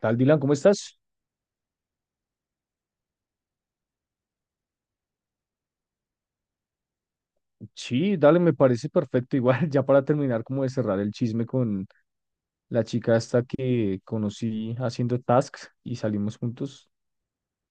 Tal Dylan, ¿cómo estás? Sí, dale, me parece perfecto. Igual, ya para terminar, como de cerrar el chisme con la chica esta que conocí haciendo tasks y salimos juntos.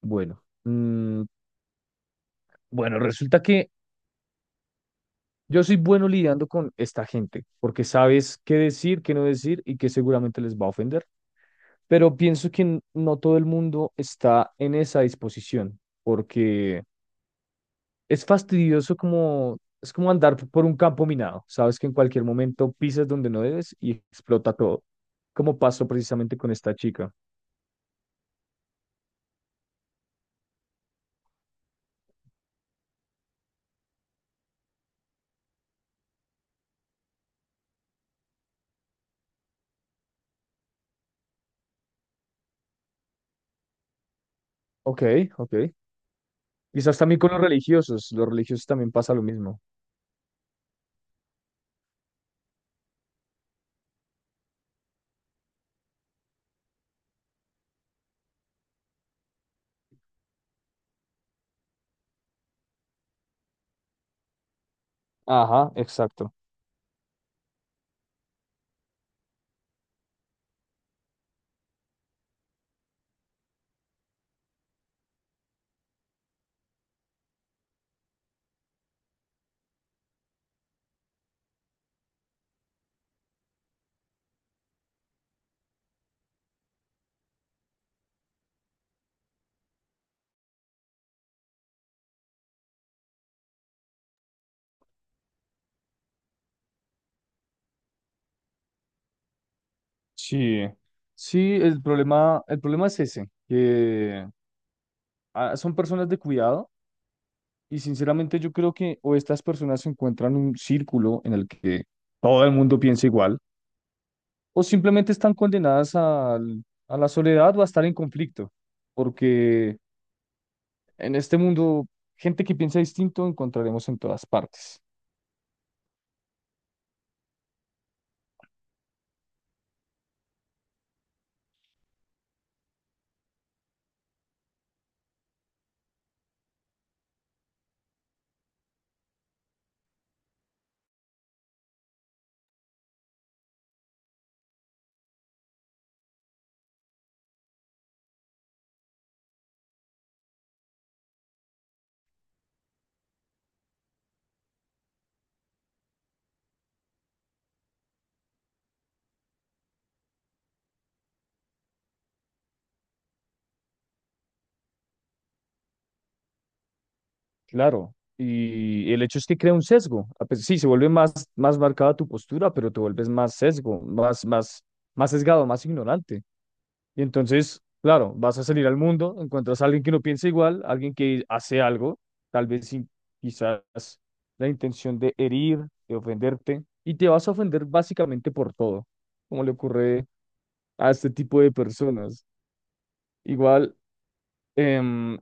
Bueno, mm, bueno, resulta que yo soy bueno lidiando con esta gente, porque sabes qué decir, qué no decir y que seguramente les va a ofender. Pero pienso que no todo el mundo está en esa disposición, porque es fastidioso como, es como andar por un campo minado. Sabes que en cualquier momento pisas donde no debes y explota todo, como pasó precisamente con esta chica. Ok, ok. Quizás también con los religiosos. Los religiosos también pasa lo mismo. Ajá, exacto. Sí, sí, el problema es ese, que son personas de cuidado y sinceramente yo creo que o estas personas se encuentran un círculo en el que todo el mundo piensa igual o simplemente están condenadas a la soledad o a estar en conflicto, porque en este mundo, gente que piensa distinto encontraremos en todas partes, claro. Y el hecho es que crea un sesgo. Sí, se vuelve más, más marcada tu postura, pero te vuelves más sesgo, más, más, más sesgado, más ignorante. Y entonces, claro, vas a salir al mundo, encuentras a alguien que no piensa igual, alguien que hace algo, tal vez sin quizás la intención de herir, de ofenderte, y te vas a ofender básicamente por todo, como le ocurre a este tipo de personas. Igual, em,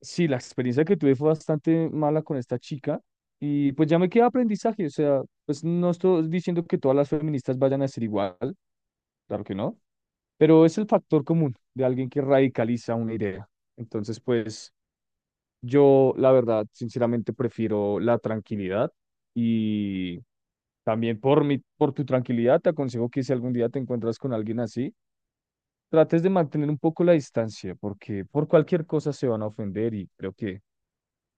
sí, la experiencia que tuve fue bastante mala con esta chica, y pues ya me queda aprendizaje, o sea, pues no estoy diciendo que todas las feministas vayan a ser igual, claro que no. Pero es el factor común de alguien que radicaliza una idea. Entonces, pues yo, la verdad, sinceramente prefiero la tranquilidad y también por mi, por tu tranquilidad, te aconsejo que si algún día te encuentras con alguien así, trates de mantener un poco la distancia, porque por cualquier cosa se van a ofender y creo que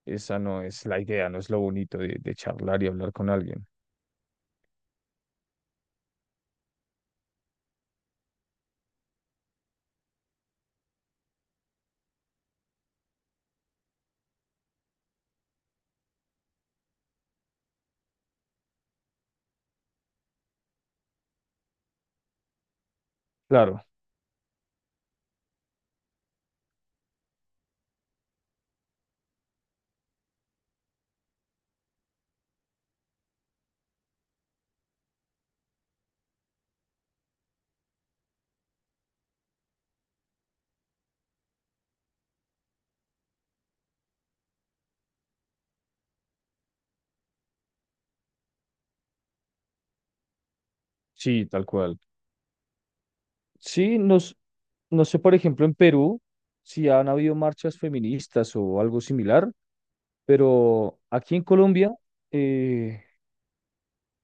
esa no es la idea, no es lo bonito de charlar y hablar con alguien. Claro, sí, tal cual. Sí, nos, no sé, por ejemplo, en Perú, si han habido marchas feministas o algo similar, pero aquí en Colombia, eh,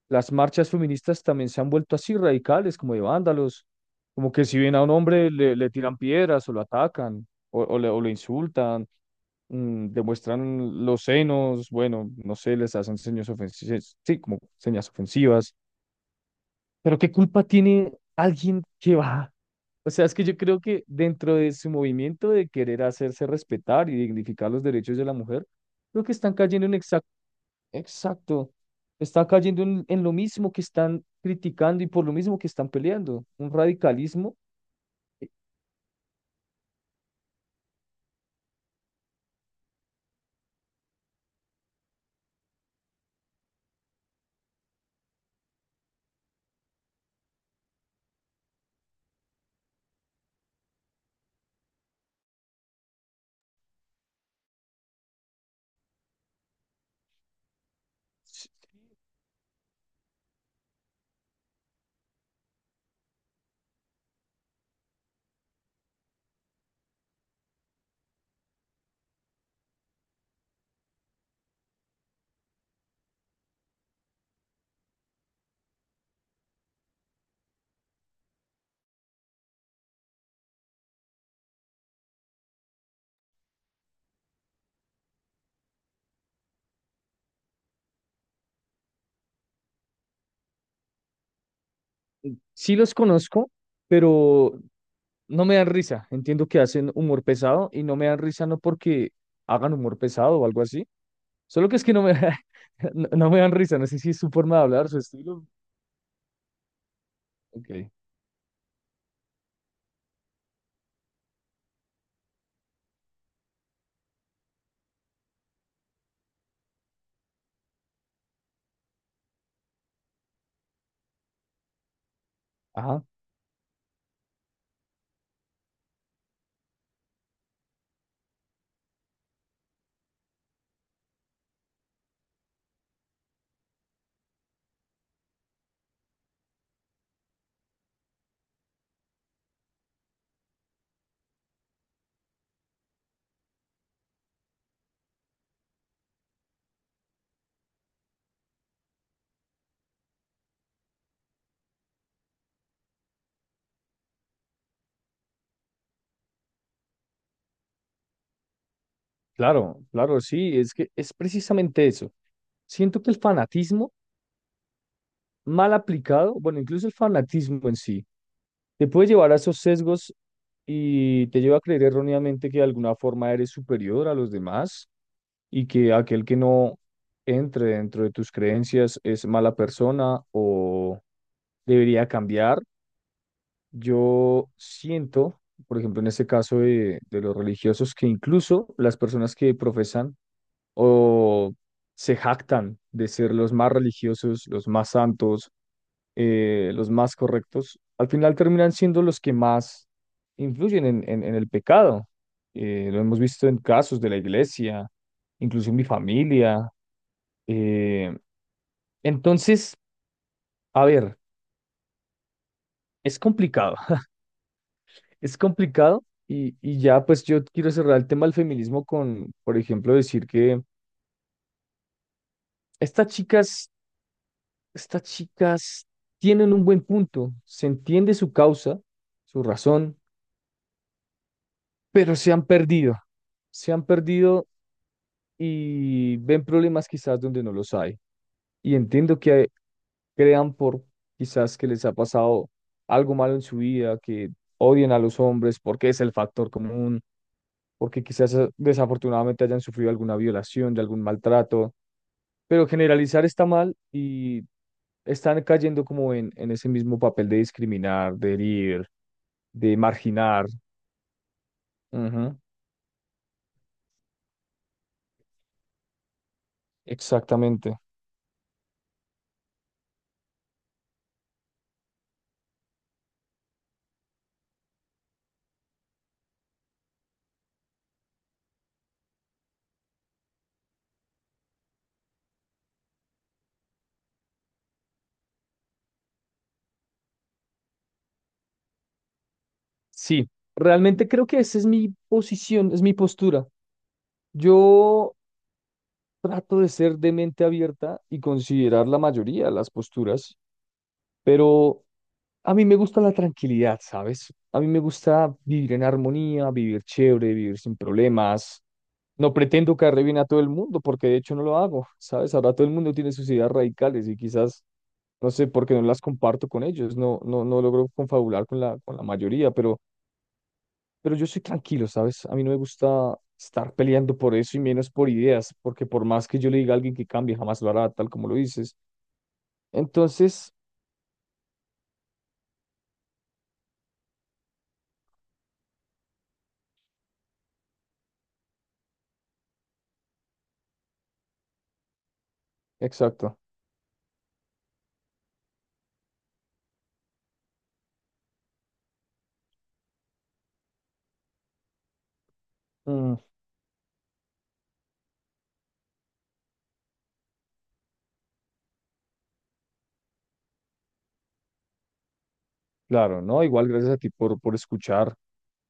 las marchas feministas también se han vuelto así radicales, como de vándalos, como que si ven a un hombre le, le tiran piedras o lo atacan o le, o lo insultan, mm, demuestran los senos, bueno, no sé, les hacen señas ofensivas, sí, como señas ofensivas. Pero ¿qué culpa tiene alguien que va? O sea, es que yo creo que dentro de su movimiento de querer hacerse respetar y dignificar los derechos de la mujer, creo que están cayendo en exacto, exacto, está cayendo en lo mismo que están criticando y por lo mismo que están peleando, un radicalismo. eh, s- Sí los conozco, pero no me dan risa. Entiendo que hacen humor pesado y no me dan risa no porque hagan humor pesado o algo así, solo que es que no me, no, no me dan risa, no sé si es su forma de hablar, su estilo. Ok, ajá. Claro, claro, sí, es que es precisamente eso. Siento que el fanatismo mal aplicado, bueno, incluso el fanatismo en sí, te puede llevar a esos sesgos y te lleva a creer erróneamente que de alguna forma eres superior a los demás y que aquel que no entre dentro de tus creencias es mala persona o debería cambiar. Yo siento, por ejemplo, en este caso de los religiosos, que incluso las personas que profesan o se jactan de ser los más religiosos, los más santos, los más correctos, al final terminan siendo los que más influyen en, en el pecado. Lo hemos visto en casos de la iglesia, incluso en mi familia. Eh, entonces, a ver, es complicado, es complicado. Y ya, pues yo quiero cerrar el tema del feminismo con, por ejemplo, decir que estas chicas Estas chicas tienen un buen punto, se entiende su causa, su razón, pero se han perdido y ven problemas quizás donde no los hay. Y entiendo que crean por quizás que les ha pasado algo malo en su vida, que odian a los hombres porque es el factor común, porque quizás desafortunadamente hayan sufrido alguna violación, de algún maltrato, pero generalizar está mal y están cayendo como en ese mismo papel de discriminar, de herir de marginar. Ujú, exactamente. Sí, realmente creo que esa es mi posición, es mi postura. Yo trato de ser de mente abierta y considerar la mayoría de las posturas, pero a mí me gusta la tranquilidad, ¿sabes? A mí me gusta vivir en armonía, vivir chévere, vivir sin problemas. No pretendo caerle bien a todo el mundo, porque de hecho no lo hago, ¿sabes? Ahora todo el mundo tiene sus ideas radicales y quizás no sé por qué no las comparto con ellos, no, no, no logro confabular con la mayoría, pero yo soy tranquilo, ¿sabes? A mí no me gusta estar peleando por eso y menos por ideas, porque por más que yo le diga a alguien que cambie, jamás lo hará, tal como lo dices. Entonces, exacto. Mm, claro, ¿no? Igual gracias a ti por escuchar.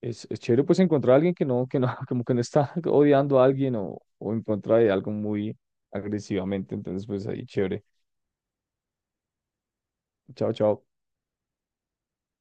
Es chévere pues encontrar a alguien que no, como que no está odiando a alguien o en contra de algo muy agresivamente. Entonces, pues ahí, chévere. Chao, chao.